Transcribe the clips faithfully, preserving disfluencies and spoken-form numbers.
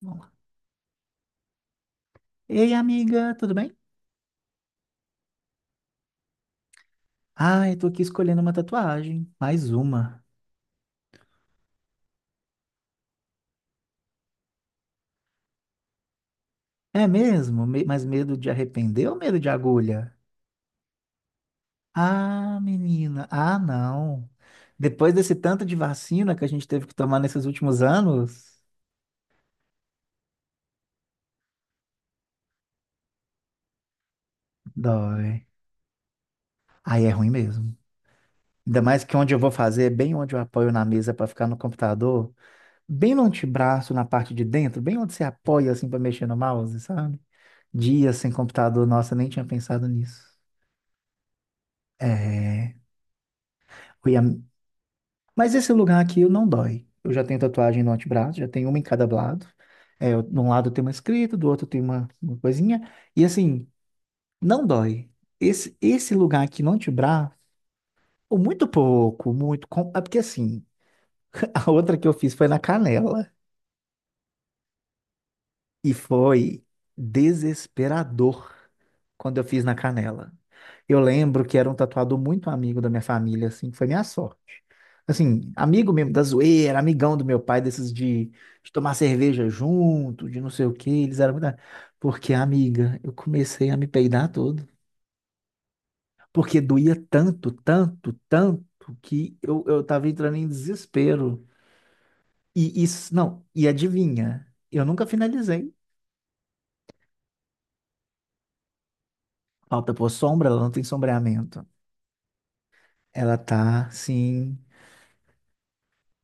Vamos lá. Ei, amiga, tudo bem? Ah, eu tô aqui escolhendo uma tatuagem. Mais uma. É mesmo? Me- Mas medo de arrepender ou medo de agulha? Ah, menina. Ah, não. Depois desse tanto de vacina que a gente teve que tomar nesses últimos anos, dói. Aí é ruim mesmo. Ainda mais que onde eu vou fazer, é bem onde eu apoio na mesa pra ficar no computador, bem no antebraço, na parte de dentro, bem onde você apoia assim pra mexer no mouse, sabe? Dias sem computador, nossa, nem tinha pensado nisso. É. Foi a- Mas esse lugar aqui eu não dói. Eu já tenho tatuagem no antebraço, já tenho uma em cada lado. É, eu- de um lado tem uma escrita, do outro tem uma, uma coisinha. E assim, não dói. Esse, esse lugar aqui no antebraço, ou muito pouco, muito. Com... É porque assim, a outra que eu fiz foi na canela. E foi desesperador quando eu fiz na canela. Eu lembro que era um tatuador muito amigo da minha família, assim, que foi minha sorte. Assim, amigo mesmo da zoeira, amigão do meu pai, desses de, de tomar cerveja junto, de não sei o quê, eles eram muito. Porque, amiga, eu comecei a me peidar todo. Porque doía tanto, tanto, tanto, que eu, eu tava entrando em desespero. E isso, não, e adivinha, eu nunca finalizei. Falta pôr sombra, ela não tem sombreamento. Ela tá, sim.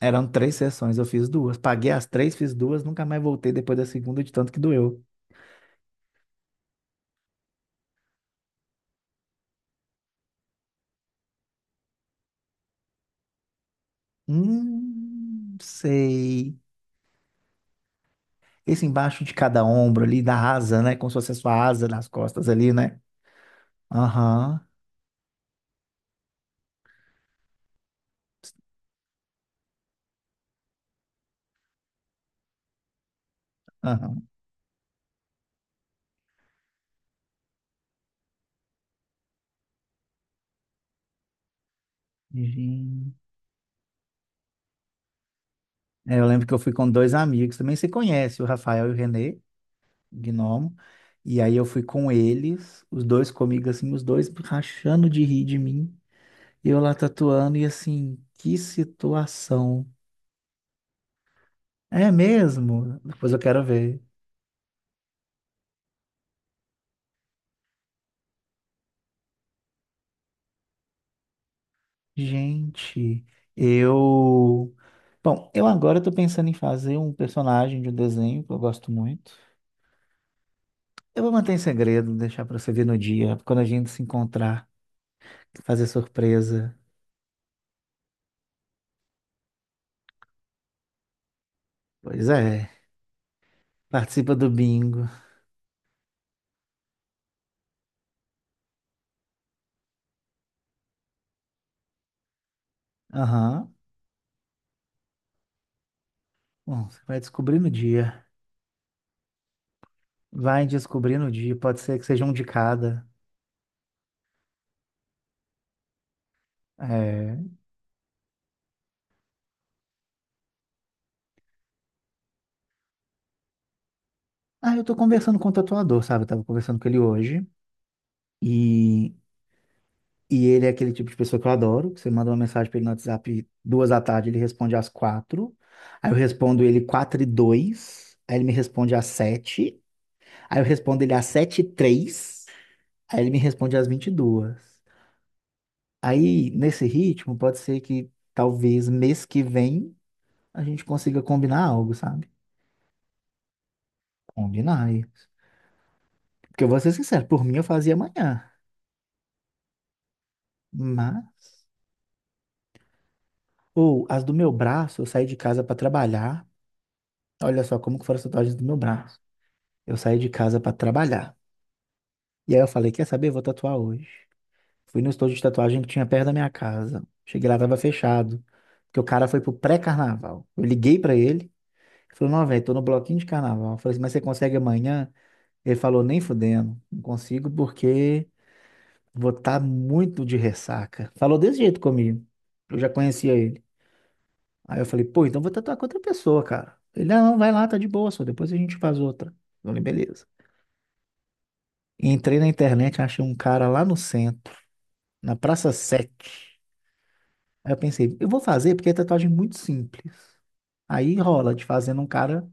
Eram três sessões, eu fiz duas. Paguei as três, fiz duas, nunca mais voltei depois da segunda, de tanto que doeu. Hum, sei. Esse embaixo de cada ombro ali, da asa, né? Como se fosse a sua asa nas costas ali, né? Aham, aham. Gente. É, eu lembro que eu fui com dois amigos, também você conhece, o Rafael e o Renê, Gnomo. E aí eu fui com eles, os dois comigo, assim, os dois rachando de rir de mim. E eu lá tatuando, e assim, que situação. É mesmo? Depois eu quero ver. Gente, eu. Bom, eu agora tô pensando em fazer um personagem de um desenho que eu gosto muito. Eu vou manter em segredo, deixar pra você ver no dia, quando a gente se encontrar, fazer surpresa. Pois é, participa do bingo. Aham. Bom, você vai descobrir no dia. Vai descobrir no dia, pode ser que seja um de cada. É. Ah, eu tô conversando com o tatuador, sabe? Eu tava conversando com ele hoje. E E ele é aquele tipo de pessoa que eu adoro, que você manda uma mensagem pra ele no WhatsApp duas da tarde, ele responde às quatro. Aí eu respondo ele quatro e dois. Aí ele me responde às sete. Aí eu respondo ele às sete e três. Aí ele me responde às vinte e duas. Aí, nesse ritmo, pode ser que talvez mês que vem a gente consiga combinar algo, sabe? Combinar isso. Porque eu vou ser sincero, por mim eu fazia amanhã. Mas. Ou as do meu braço, eu saí de casa pra trabalhar. Olha só como que foram as tatuagens do meu braço. Eu saí de casa pra trabalhar. E aí eu falei, quer saber? Vou tatuar hoje. Fui no estúdio de tatuagem que tinha perto da minha casa. Cheguei lá, tava fechado. Porque o cara foi pro pré-carnaval. Eu liguei pra ele. Ele falou, não, velho, tô no bloquinho de carnaval. Eu falei assim, mas você consegue amanhã? Ele falou, nem fudendo. Não consigo porque vou estar muito de ressaca. Falou desse jeito comigo. Eu já conhecia ele. Aí eu falei, pô, então vou tatuar com outra pessoa, cara. Ele, não, não, vai lá, tá de boa, só depois a gente faz outra. Eu falei, beleza. Entrei na internet, achei um cara lá no centro, na Praça Sete. Aí eu pensei, eu vou fazer porque é tatuagem muito simples. Aí rola de fazer num cara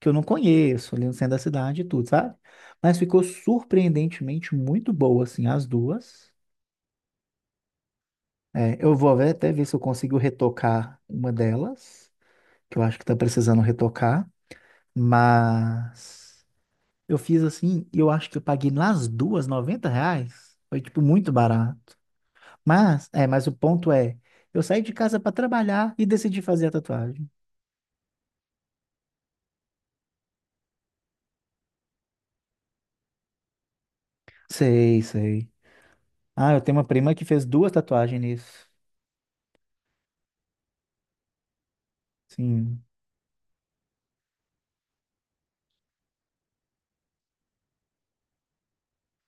que eu não conheço, ali no centro da cidade e tudo, sabe? Mas ficou surpreendentemente muito boa, assim, as duas. É, eu vou ver- até ver se eu consigo retocar uma delas, que eu acho que tá precisando retocar. Mas eu fiz assim, e eu acho que eu paguei nas duas noventa reais. Foi, tipo, muito barato. Mas, é, mas o ponto é, eu saí de casa para trabalhar e decidi fazer a tatuagem. Sei, sei. Ah, eu tenho uma prima que fez duas tatuagens nisso. Sim,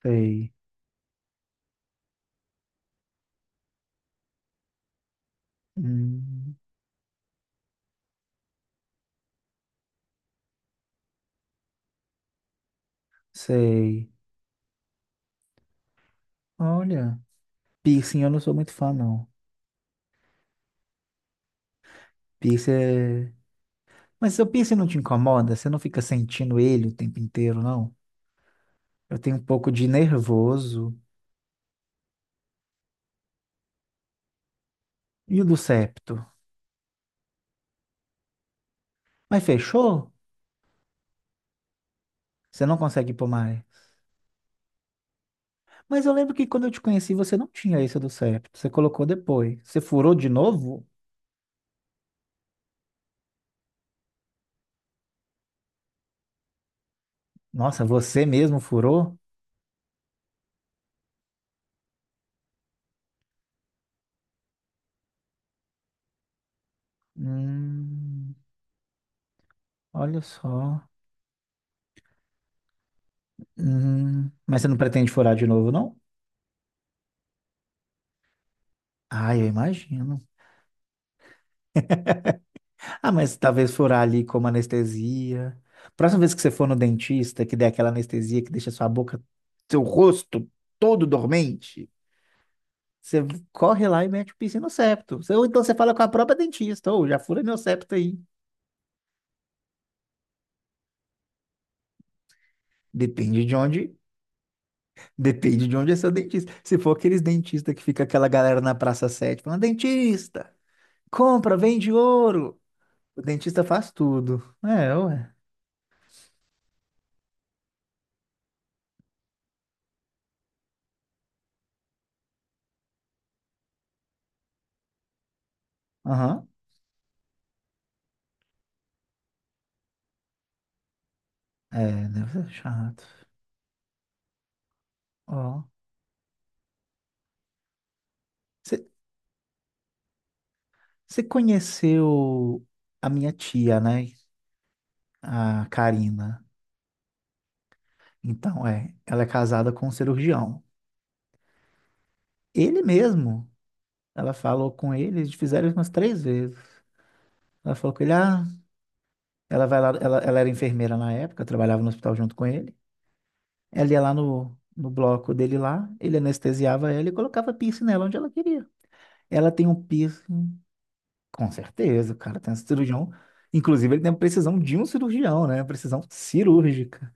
sei. Hum, sei. Olha, piercing eu não sou muito fã, não. Piercing é. Mas seu piercing não te incomoda? Você não fica sentindo ele o tempo inteiro, não? Eu tenho um pouco de nervoso. E o do septo? Mas fechou? Você não consegue pôr mais? Mas eu lembro que quando eu te conheci, você não tinha isso do septo. Você colocou depois. Você furou de novo? Nossa, você mesmo furou? Hum, olha só. Hum, mas você não pretende furar de novo, não? Ah, eu imagino. Ah, mas talvez furar ali como anestesia. Próxima vez que você for no dentista, que der aquela anestesia que deixa sua boca, seu rosto todo dormente, você corre lá e mete o piercing no septo. Você- Ou então você fala com a própria dentista, ou já fura meu septo aí. Depende de onde. Depende de onde é seu dentista. Se for aqueles dentistas que fica aquela galera na Praça Sete, falando, dentista, compra, vende ouro. O dentista faz tudo. É, ué. Aham. É, deve ser chato. Ó. Você conheceu a minha tia, né? A Karina. Então, é, ela é casada com um cirurgião. Ele mesmo, ela falou com ele, eles fizeram isso umas três vezes. Ela falou com ele, ah, ela vai lá, ela, ela era enfermeira na época, trabalhava no hospital junto com ele. Ela ia lá no, no bloco dele lá, ele anestesiava ela e colocava piercing nela onde ela queria. Ela tem um piercing, com certeza, o cara tem um cirurgião. Inclusive, ele tem a precisão de um cirurgião, né? Precisão cirúrgica.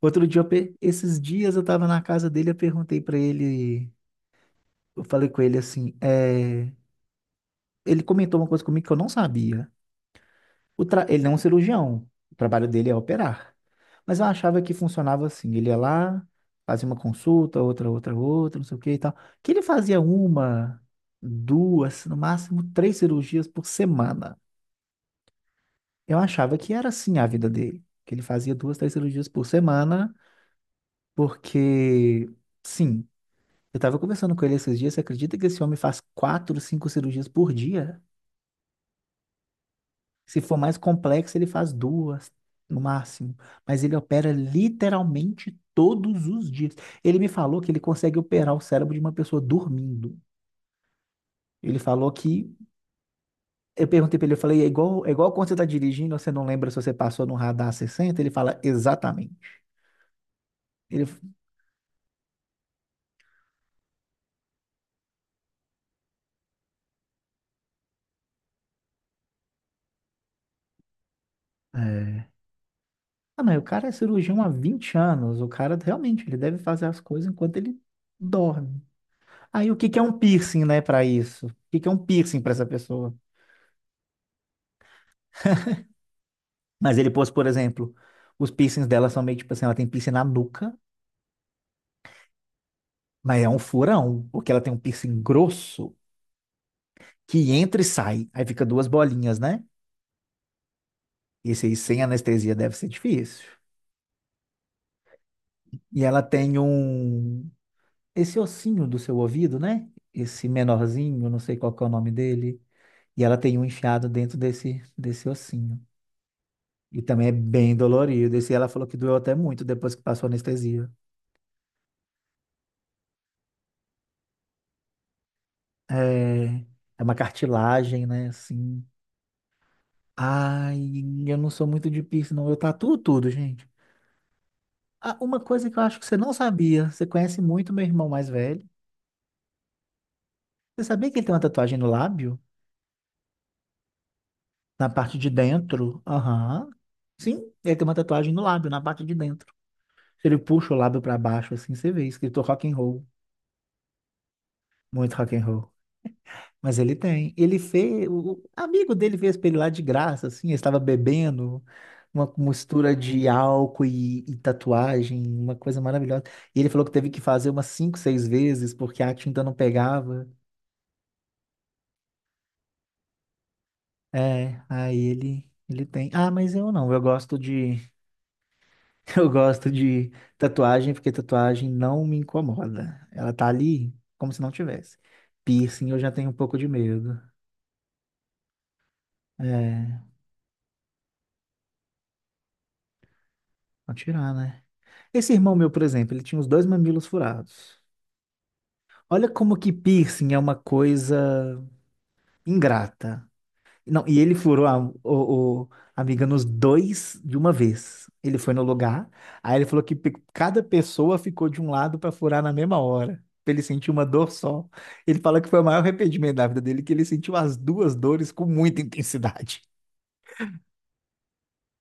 Outro dia, eu pe- esses dias eu tava na casa dele, eu perguntei pra ele, eu falei com ele assim, é, ele comentou uma coisa comigo que eu não sabia. O tra- Ele não é um cirurgião, o trabalho dele é operar. Mas eu achava que funcionava assim, ele ia lá, fazia uma consulta, outra, outra, outra, não sei o que e tal. Que ele fazia uma, duas, no máximo três cirurgias por semana. Eu achava que era assim a vida dele, que ele fazia duas, três cirurgias por semana, porque, sim, eu estava conversando com ele esses dias, você acredita que esse homem faz quatro, cinco cirurgias por dia? Se for mais complexo, ele faz duas no máximo. Mas ele opera literalmente todos os dias. Ele me falou que ele consegue operar o cérebro de uma pessoa dormindo. Ele falou que. Eu perguntei pra ele, eu falei, é igual, é igual quando você tá dirigindo, você não lembra se você passou no radar sessenta? Ele fala, exatamente. Ele. É. Ah, mas o cara é cirurgião há vinte anos. O cara realmente, ele deve fazer as coisas enquanto ele dorme. Aí o que que é um piercing, né, pra isso? O que que é um piercing pra essa pessoa? Mas ele pôs, por exemplo, os piercings dela são meio tipo assim, ela tem piercing na nuca, mas é um furão, porque ela tem um piercing grosso que entra e sai, aí fica duas bolinhas, né? Esse aí sem anestesia deve ser difícil. E ela tem um esse ossinho do seu ouvido, né? Esse menorzinho, não sei qual que é o nome dele, e ela tem um enfiado dentro desse desse ossinho. E também é bem dolorido. Esse ela falou que doeu até muito depois que passou a anestesia. É, é uma cartilagem, né, assim. Ai, eu não sou muito de piercing, não. Eu tatuo tudo, gente. Ah, uma coisa que eu acho que você não sabia, você conhece muito meu irmão mais velho. Você sabia que ele tem uma tatuagem no lábio? Na parte de dentro? Aham. Sim, ele tem uma tatuagem no lábio, na parte de dentro. Se ele puxa o lábio pra baixo, assim, você vê, escrito rock and roll. Muito rock and roll. Mas ele tem. Ele fez. O o amigo dele fez pra ele lá de graça, assim. Ele estava bebendo uma mistura de álcool e, e tatuagem, uma coisa maravilhosa. E ele falou que teve que fazer umas cinco, seis vezes porque a tinta não pegava. É, aí ele. Ele tem. Ah, mas eu não. Eu gosto de. Eu gosto de tatuagem porque tatuagem não me incomoda. Ela tá ali como se não tivesse. Piercing eu já tenho um pouco de medo. É, vou tirar, né? Esse irmão meu, por exemplo, ele tinha os dois mamilos furados. Olha como que piercing é uma coisa ingrata. Não, e ele furou a, o, o- a amiga nos dois de uma vez. Ele foi no lugar, aí ele falou que pe- cada pessoa ficou de um lado para furar na mesma hora, pra ele sentir uma dor só. Ele fala que foi o maior arrependimento da vida dele, que ele sentiu as duas dores com muita intensidade.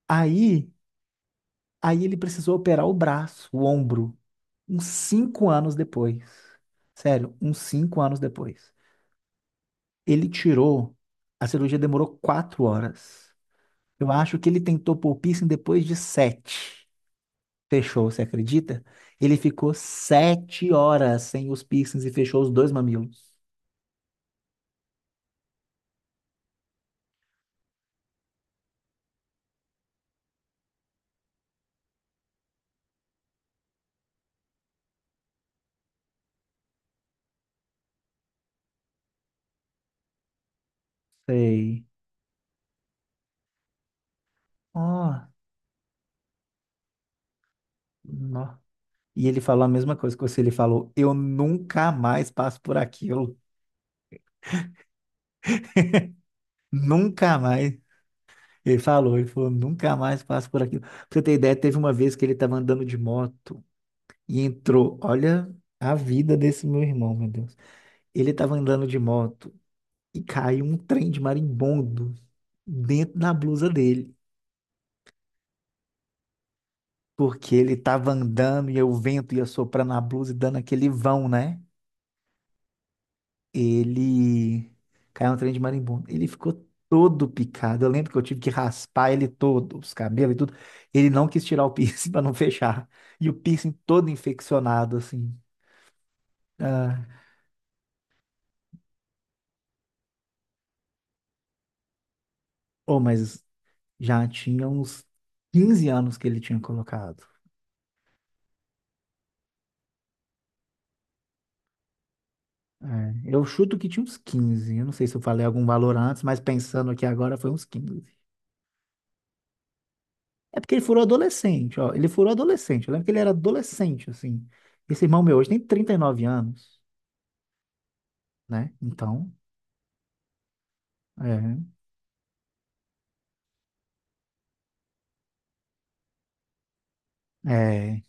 Aí, aí ele precisou operar o braço, o ombro, uns cinco anos depois. Sério, uns cinco anos depois. Ele tirou. A cirurgia demorou quatro horas. Eu acho que ele tentou pôr o piercing depois de sete. Fechou, você acredita? Ele ficou sete horas sem os piercings e fechou os dois mamilos. Sei. Ó, nó. E ele falou a mesma coisa que você. Ele falou: eu nunca mais passo por aquilo. Nunca mais. Ele falou, ele falou, nunca mais passo por aquilo. Pra você ter ideia, teve uma vez que ele estava andando de moto e entrou. Olha a vida desse meu irmão, meu Deus. Ele estava andando de moto e caiu um trem de marimbondo dentro da blusa dele. Porque ele estava andando e o vento ia soprando na blusa e dando aquele vão, né? Ele caiu no trem de marimbondo. Ele ficou todo picado. Eu lembro que eu tive que raspar ele todo, os cabelos e tudo. Ele não quis tirar o piercing para não fechar. E o piercing todo infeccionado, assim. Ah, oh, mas já tinha uns quinze anos que ele tinha colocado. É, eu chuto que tinha uns quinze. Eu não sei se eu falei algum valor antes, mas pensando aqui agora foi uns quinze. É porque ele furou adolescente, ó. Ele furou adolescente. Eu lembro que ele era adolescente, assim. Esse irmão meu hoje tem trinta e nove anos, né? Então, é, é,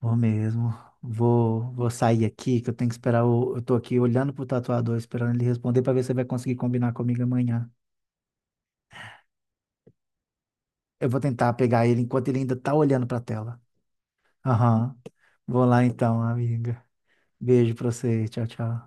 vou mesmo. Vou, vou sair aqui, que eu tenho que esperar. O, eu tô aqui olhando pro tatuador, esperando ele responder pra ver se ele vai conseguir combinar comigo amanhã. Eu vou tentar pegar ele enquanto ele ainda tá olhando pra tela. Aham. Vou lá então, amiga. Beijo pra você. Tchau, tchau.